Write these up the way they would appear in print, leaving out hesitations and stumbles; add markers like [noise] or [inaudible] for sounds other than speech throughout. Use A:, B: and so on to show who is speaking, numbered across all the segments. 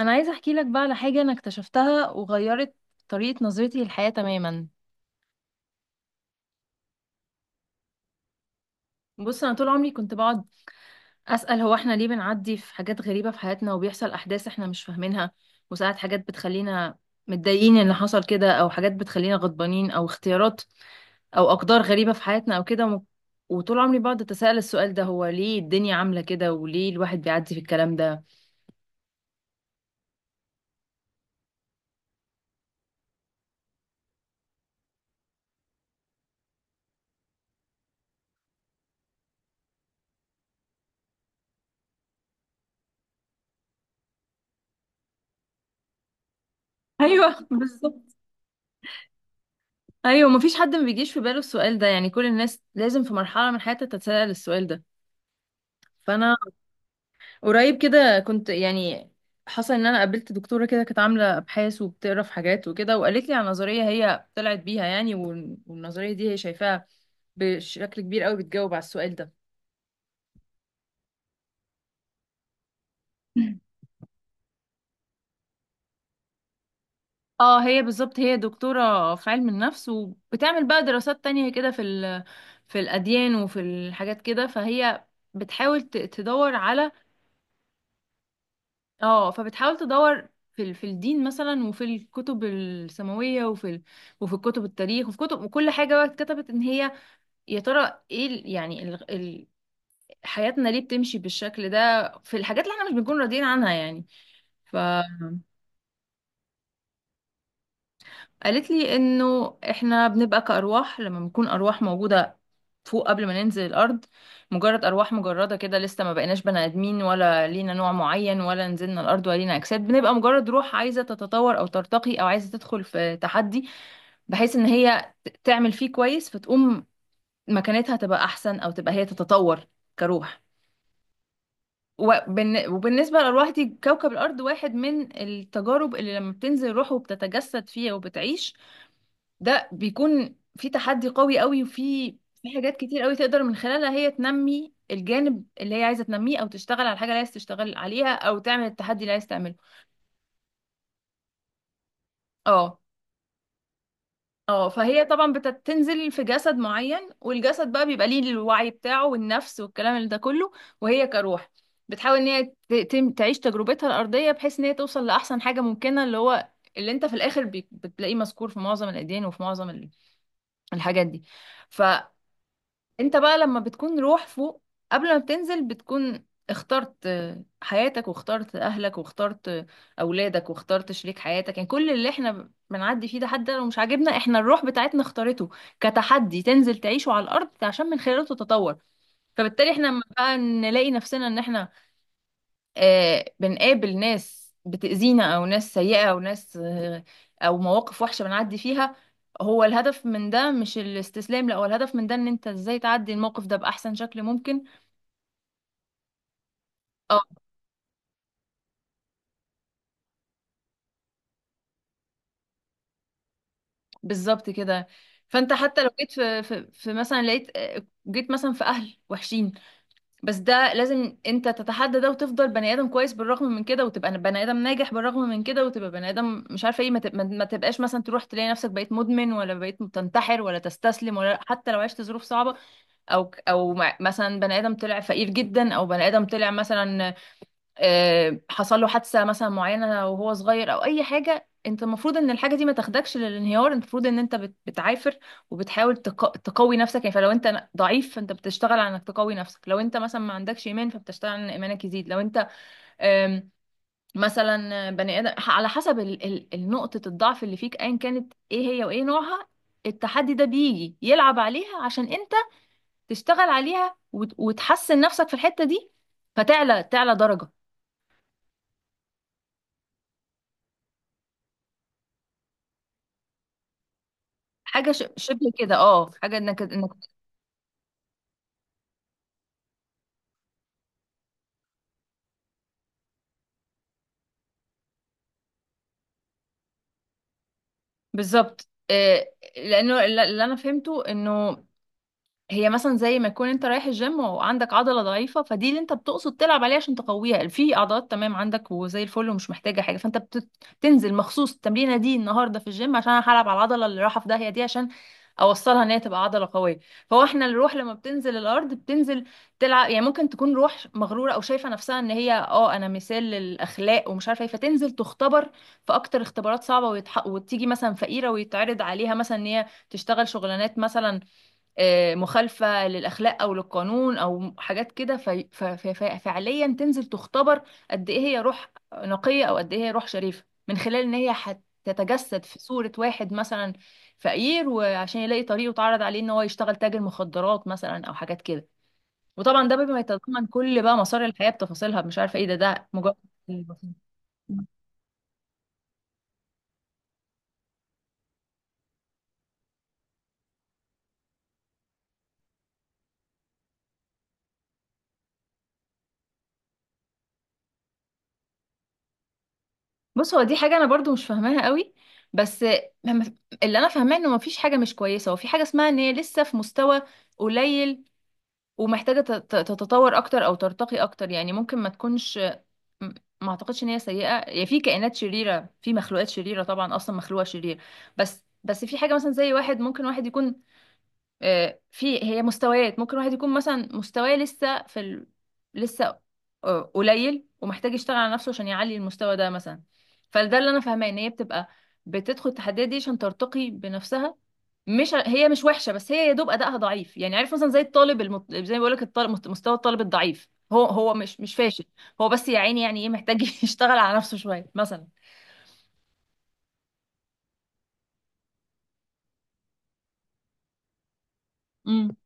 A: انا عايزه احكي لك بقى على حاجه انا اكتشفتها وغيرت طريقه نظرتي للحياه تماما. بص، انا طول عمري كنت بقعد اسال: هو احنا ليه بنعدي في حاجات غريبه في حياتنا، وبيحصل احداث احنا مش فاهمينها، وساعات حاجات بتخلينا متضايقين ان حصل كده، او حاجات بتخلينا غضبانين، او اختيارات او اقدار غريبه في حياتنا او كده. وطول عمري بقعد اتساءل السؤال ده: هو ليه الدنيا عامله كده، وليه الواحد بيعدي في الكلام ده؟ [laughs] ايوه بالظبط، ايوه مفيش حد ما بيجيش في باله السؤال ده، يعني كل الناس لازم في مرحله من حياتها تتساءل السؤال ده. فانا قريب كده كنت يعني حصل ان انا قابلت دكتوره كده، كانت عامله ابحاث وبتقرا في حاجات وكده، وقالت لي على نظريه هي طلعت بيها يعني، والنظريه دي هي شايفاها بشكل كبير قوي بتجاوب على السؤال ده. [laughs] اه، هي بالظبط هي دكتورة في علم النفس، وبتعمل بقى دراسات تانية كده في ال... في الأديان وفي الحاجات كده، فهي بتحاول تدور على، اه، فبتحاول تدور في في الدين مثلا، وفي الكتب السماوية، وفي ال... وفي كتب التاريخ وفي كتب، وكل حاجة بقى اتكتبت، ان هي يا ترى ايه ال... يعني ال... ال... حياتنا ليه بتمشي بالشكل ده في الحاجات اللي احنا مش بنكون راضيين عنها يعني. ف قالت لي انه احنا بنبقى كأرواح، لما بنكون أرواح موجودة فوق قبل ما ننزل الأرض، مجرد أرواح مجردة كده، لسه ما بقيناش بني آدمين، ولا لينا نوع معين، ولا نزلنا الأرض، ولا لينا أجساد، بنبقى مجرد روح عايزة تتطور أو ترتقي، أو عايزة تدخل في تحدي بحيث إن هي تعمل فيه كويس، فتقوم مكانتها تبقى أحسن، أو تبقى هي تتطور كروح. وبالنسبة للأرواح دي، كوكب الأرض واحد من التجارب اللي لما بتنزل روحه وبتتجسد فيها وبتعيش، ده بيكون في تحدي قوي قوي، وفي في حاجات كتير قوي تقدر من خلالها هي تنمي الجانب اللي هي عايزه تنميه، او تشتغل على الحاجه اللي عايز تشتغل عليها، او تعمل التحدي اللي عايز تعمله. اه، اه، فهي طبعا بتنزل في جسد معين، والجسد بقى بيبقى ليه الوعي بتاعه والنفس والكلام اللي ده كله، وهي كروح بتحاول ان هي تعيش تجربتها الارضيه، بحيث ان هي توصل لاحسن حاجه ممكنه، اللي هو اللي انت في الاخر بتلاقيه مذكور في معظم الاديان وفي معظم الحاجات دي. انت بقى لما بتكون روح فوق قبل ما بتنزل، بتكون اخترت حياتك، واخترت اهلك، واخترت اولادك، واخترت شريك حياتك، يعني كل اللي احنا بنعدي فيه ده، حتى لو مش عاجبنا، احنا الروح بتاعتنا اختارته كتحدي تنزل تعيشه على الارض عشان من خلاله تتطور. فبالتالي احنا لما بقى نلاقي نفسنا ان احنا، آه، بنقابل ناس بتأذينا، أو ناس سيئة، أو ناس، آه، أو مواقف وحشة بنعدي فيها، هو الهدف من ده مش الاستسلام، لا، هو الهدف من ده إن أنت إزاي تعدي الموقف ده بأحسن شكل ممكن. أه، بالظبط كده. فأنت حتى لو جيت في مثلا، لقيت، آه، جيت مثلا في أهل وحشين، بس ده لازم انت تتحدى ده، وتفضل بني ادم كويس بالرغم من كده، وتبقى بني ادم ناجح بالرغم من كده، وتبقى بني ادم مش عارفه ايه، ما تب- ما- ما تبقاش مثلا تروح تلاقي نفسك بقيت مدمن، ولا بقيت تنتحر ولا تستسلم، ولا حتى لو عشت ظروف صعبه. مثلا بني ادم طلع فقير جدا، او بني ادم طلع مثلا، آه، حصل له حادثة مثلا معينة وهو صغير، او اي حاجة، انت المفروض ان الحاجة دي ما تاخدكش للانهيار، انت المفروض ان انت بتعافر وبتحاول تقوي نفسك يعني. فلو انت ضعيف فانت بتشتغل على انك تقوي نفسك، لو انت مثلا ما عندكش ايمان فبتشتغل على ان ايمانك يزيد، لو انت، آم، مثلا بني ادم على حسب النقطة الضعف اللي فيك ايا كانت ايه هي وايه نوعها، التحدي ده بيجي يلعب عليها عشان انت تشتغل عليها وتحسن نفسك في الحتة دي، فتعلى تعلى درجة. حاجه شبه كده، اه، حاجه انك انك بالظبط، آه، لانه اللي انا فهمته انه هي مثلا زي ما يكون انت رايح الجيم وعندك عضله ضعيفه، فدي اللي انت بتقصد تلعب عليها عشان تقويها، في عضلات تمام عندك وزي الفل ومش محتاجه حاجه، فانت بتنزل مخصوص التمرينه دي النهارده في الجيم عشان انا هلعب على العضله اللي رايحه في داهيه دي، عشان اوصلها ان هي تبقى عضله قويه. فهو احنا الروح لما بتنزل الارض بتنزل تلعب، يعني ممكن تكون روح مغروره او شايفه نفسها ان هي، اه، انا مثال للاخلاق ومش عارفه ايه، فتنزل تختبر في اكتر اختبارات صعبه، ويتح... وتيجي مثلا فقيره، ويتعرض عليها مثلا ان هي تشتغل شغلانات مثلا، آه، مخالفة للأخلاق أو للقانون أو حاجات كده، فعليا تنزل تختبر قد إيه هي روح نقية، أو قد إيه هي روح شريفة، من خلال إن هي هتتجسد في صورة واحد مثلا فقير، وعشان يلاقي طريقه، وتعرض عليه إن هو يشتغل تاجر مخدرات مثلا أو حاجات كده. وطبعا ده بما يتضمن كل بقى مسار الحياة بتفاصيلها، مش عارفة إيه، ده ده مجرد البسيط. بص، هو دي حاجة أنا برضو مش فاهماها قوي، بس مم- اللي أنا فاهماه إنه مفيش حاجة مش كويسة، وفي حاجة اسمها إن هي لسه في مستوى قليل، ومحتاجة تتطور أكتر أو ترتقي أكتر. يعني ممكن ما تكونش، م- ما أعتقدش إن هي سيئة، يعني في كائنات شريرة، في مخلوقات شريرة طبعا أصلا مخلوقة شرير، بس بس في حاجة مثلا زي واحد، ممكن واحد يكون، آه، في هي مستويات، ممكن واحد يكون مثلا مستواه لسه في ال... لسه، آه، قليل ومحتاج يشتغل على نفسه عشان يعلي المستوى ده مثلا. فده اللي انا فاهماه، ان هي بتبقى بتدخل التحديات دي عشان ترتقي بنفسها، مش ع- هي مش وحشه، بس هي يا دوب ادائها ضعيف، يعني عارف مثلا زي الطالب المط... زي ما بقول لك الطالب مستوى الطالب الضعيف، هو مش فاشل، هو بس يا عيني يعني ايه، محتاج [laughs] يشتغل على نفسه شويه مثلا. امم،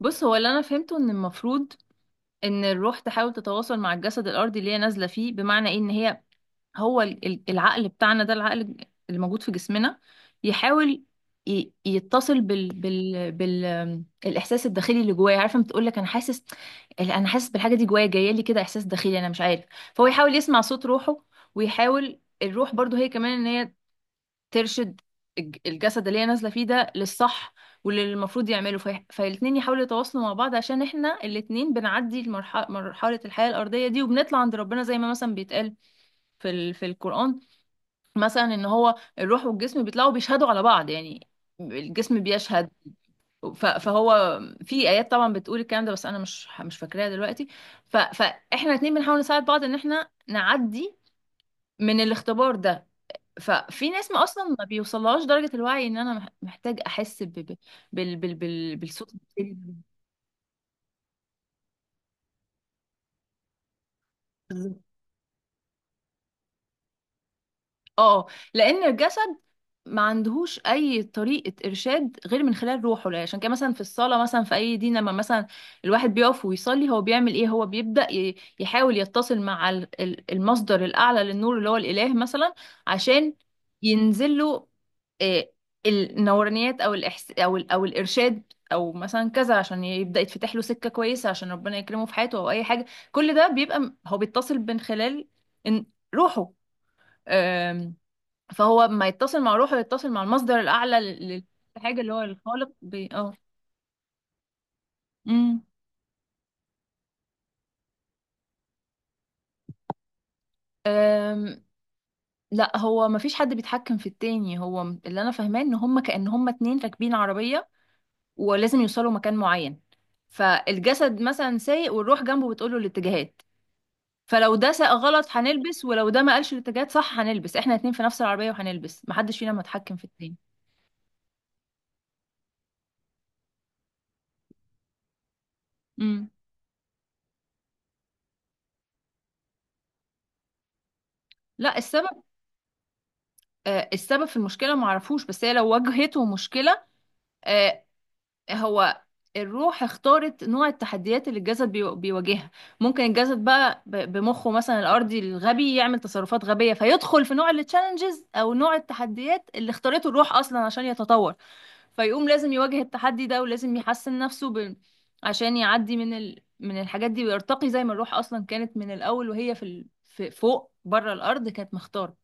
A: بص، هو اللي انا فهمته ان المفروض ان الروح تحاول تتواصل مع الجسد الارضي اللي هي نازله فيه، بمعنى ايه، ان هي هو العقل بتاعنا ده، العقل اللي موجود في جسمنا، يحاول يتصل بال، آم، الاحساس الداخلي اللي جوايا، عارفه، بتقول لك انا حاسس، انا حاسس بالحاجه دي جوايا، جايه لي كده احساس داخلي، انا مش عارف. فهو يحاول يسمع صوت روحه، ويحاول الروح برضو هي كمان ان هي ترشد الجسد اللي هي نازله فيه ده للصح، واللي المفروض يعمله في... فالاتنين يحاولوا يتواصلوا مع بعض، عشان احنا الاتنين بنعدي المرحله، مرحله الحياه الارضيه دي، وبنطلع عند ربنا زي ما مثلا بيتقال في ال... في القران مثلا، ان هو الروح والجسم بيطلعوا بيشهدوا على بعض، يعني الجسم بيشهد. ف... فهو في ايات طبعا بتقول الكلام ده، بس انا مش فاكراها دلوقتي. ف... فاحنا الاتنين بنحاول نساعد بعض ان احنا نعدي من الاختبار ده. ففي ناس ما اصلا ما بيوصلهاش درجة الوعي ان انا محتاج احس ب... ب... بال... بال... بال... بالصوت الداخلي ده. اه، لان الجسد ما عندهوش اي طريقه ارشاد غير من خلال روحه. لا، عشان كده مثلا في الصلاه مثلا في اي دين، لما مثلا الواحد بيقف ويصلي، هو بيعمل ايه؟ هو بيبدا يحاول يتصل مع المصدر الاعلى للنور اللي هو الاله مثلا، عشان ينزل له، آه، النورانيات او الإحس او الارشاد، او مثلا كذا، عشان يبدا يتفتح له سكه كويسه، عشان ربنا يكرمه في حياته او اي حاجه. كل ده بيبقى هو بيتصل من خلال إن- روحه، فهو ما يتصل مع روحه يتصل مع المصدر الأعلى لل... للحاجة اللي هو الخالق بي... اه. امم. أم، لا، هو ما فيش حد بيتحكم في التاني، هو اللي انا فاهماه ان هم كأن هم اتنين راكبين عربية، ولازم يوصلوا مكان معين، فالجسد مثلا سايق والروح جنبه بتقوله الاتجاهات، فلو ده ساق غلط هنلبس، ولو ده ما قالش الاتجاهات صح هنلبس، احنا اتنين في نفس العربية وهنلبس، محدش فينا متحكم في التاني. امم، لا، السبب، آه، السبب في المشكلة معرفوش، بس هي لو واجهته مشكلة، آه، هو الروح اختارت نوع التحديات اللي الجسد بيواجهها، ممكن الجسد بقى بمخه مثلا الارضي الغبي يعمل تصرفات غبيه، فيدخل في نوع التشالنجز او نوع التحديات اللي اختارته الروح اصلا عشان يتطور، فيقوم لازم يواجه التحدي ده، ولازم يحسن نفسه ب... عشان يعدي من ال... من الحاجات دي، ويرتقي زي ما الروح اصلا كانت من الاول وهي في ال... في فوق بره الارض كانت مختاره.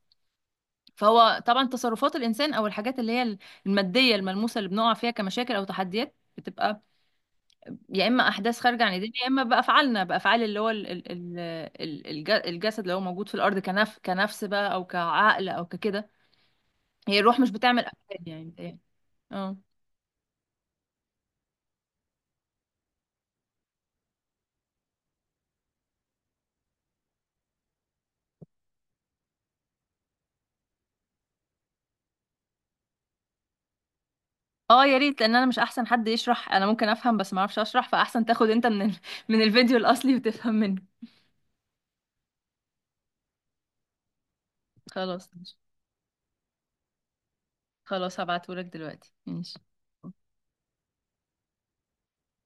A: فهو طبعا تصرفات الانسان او الحاجات اللي هي الماديه الملموسه اللي بنقع فيها كمشاكل او تحديات، بتبقى يا اما احداث خارجه عن ايدينا، يا اما بافعالنا، بافعال اللي هو الجسد اللي هو موجود في الارض، كنفس بقى، او كعقل، او ككده، هي الروح مش بتعمل افعال يعني متهيألي. اه، اه، يا ريت، لان انا مش احسن حد يشرح، انا ممكن افهم بس ما اعرفش اشرح، فاحسن تاخد انت من ال... [laughs] من الفيديو الاصلي وتفهم منه. خلاص ماشي. خلاص هبعتهولك دلوقتي ماشي.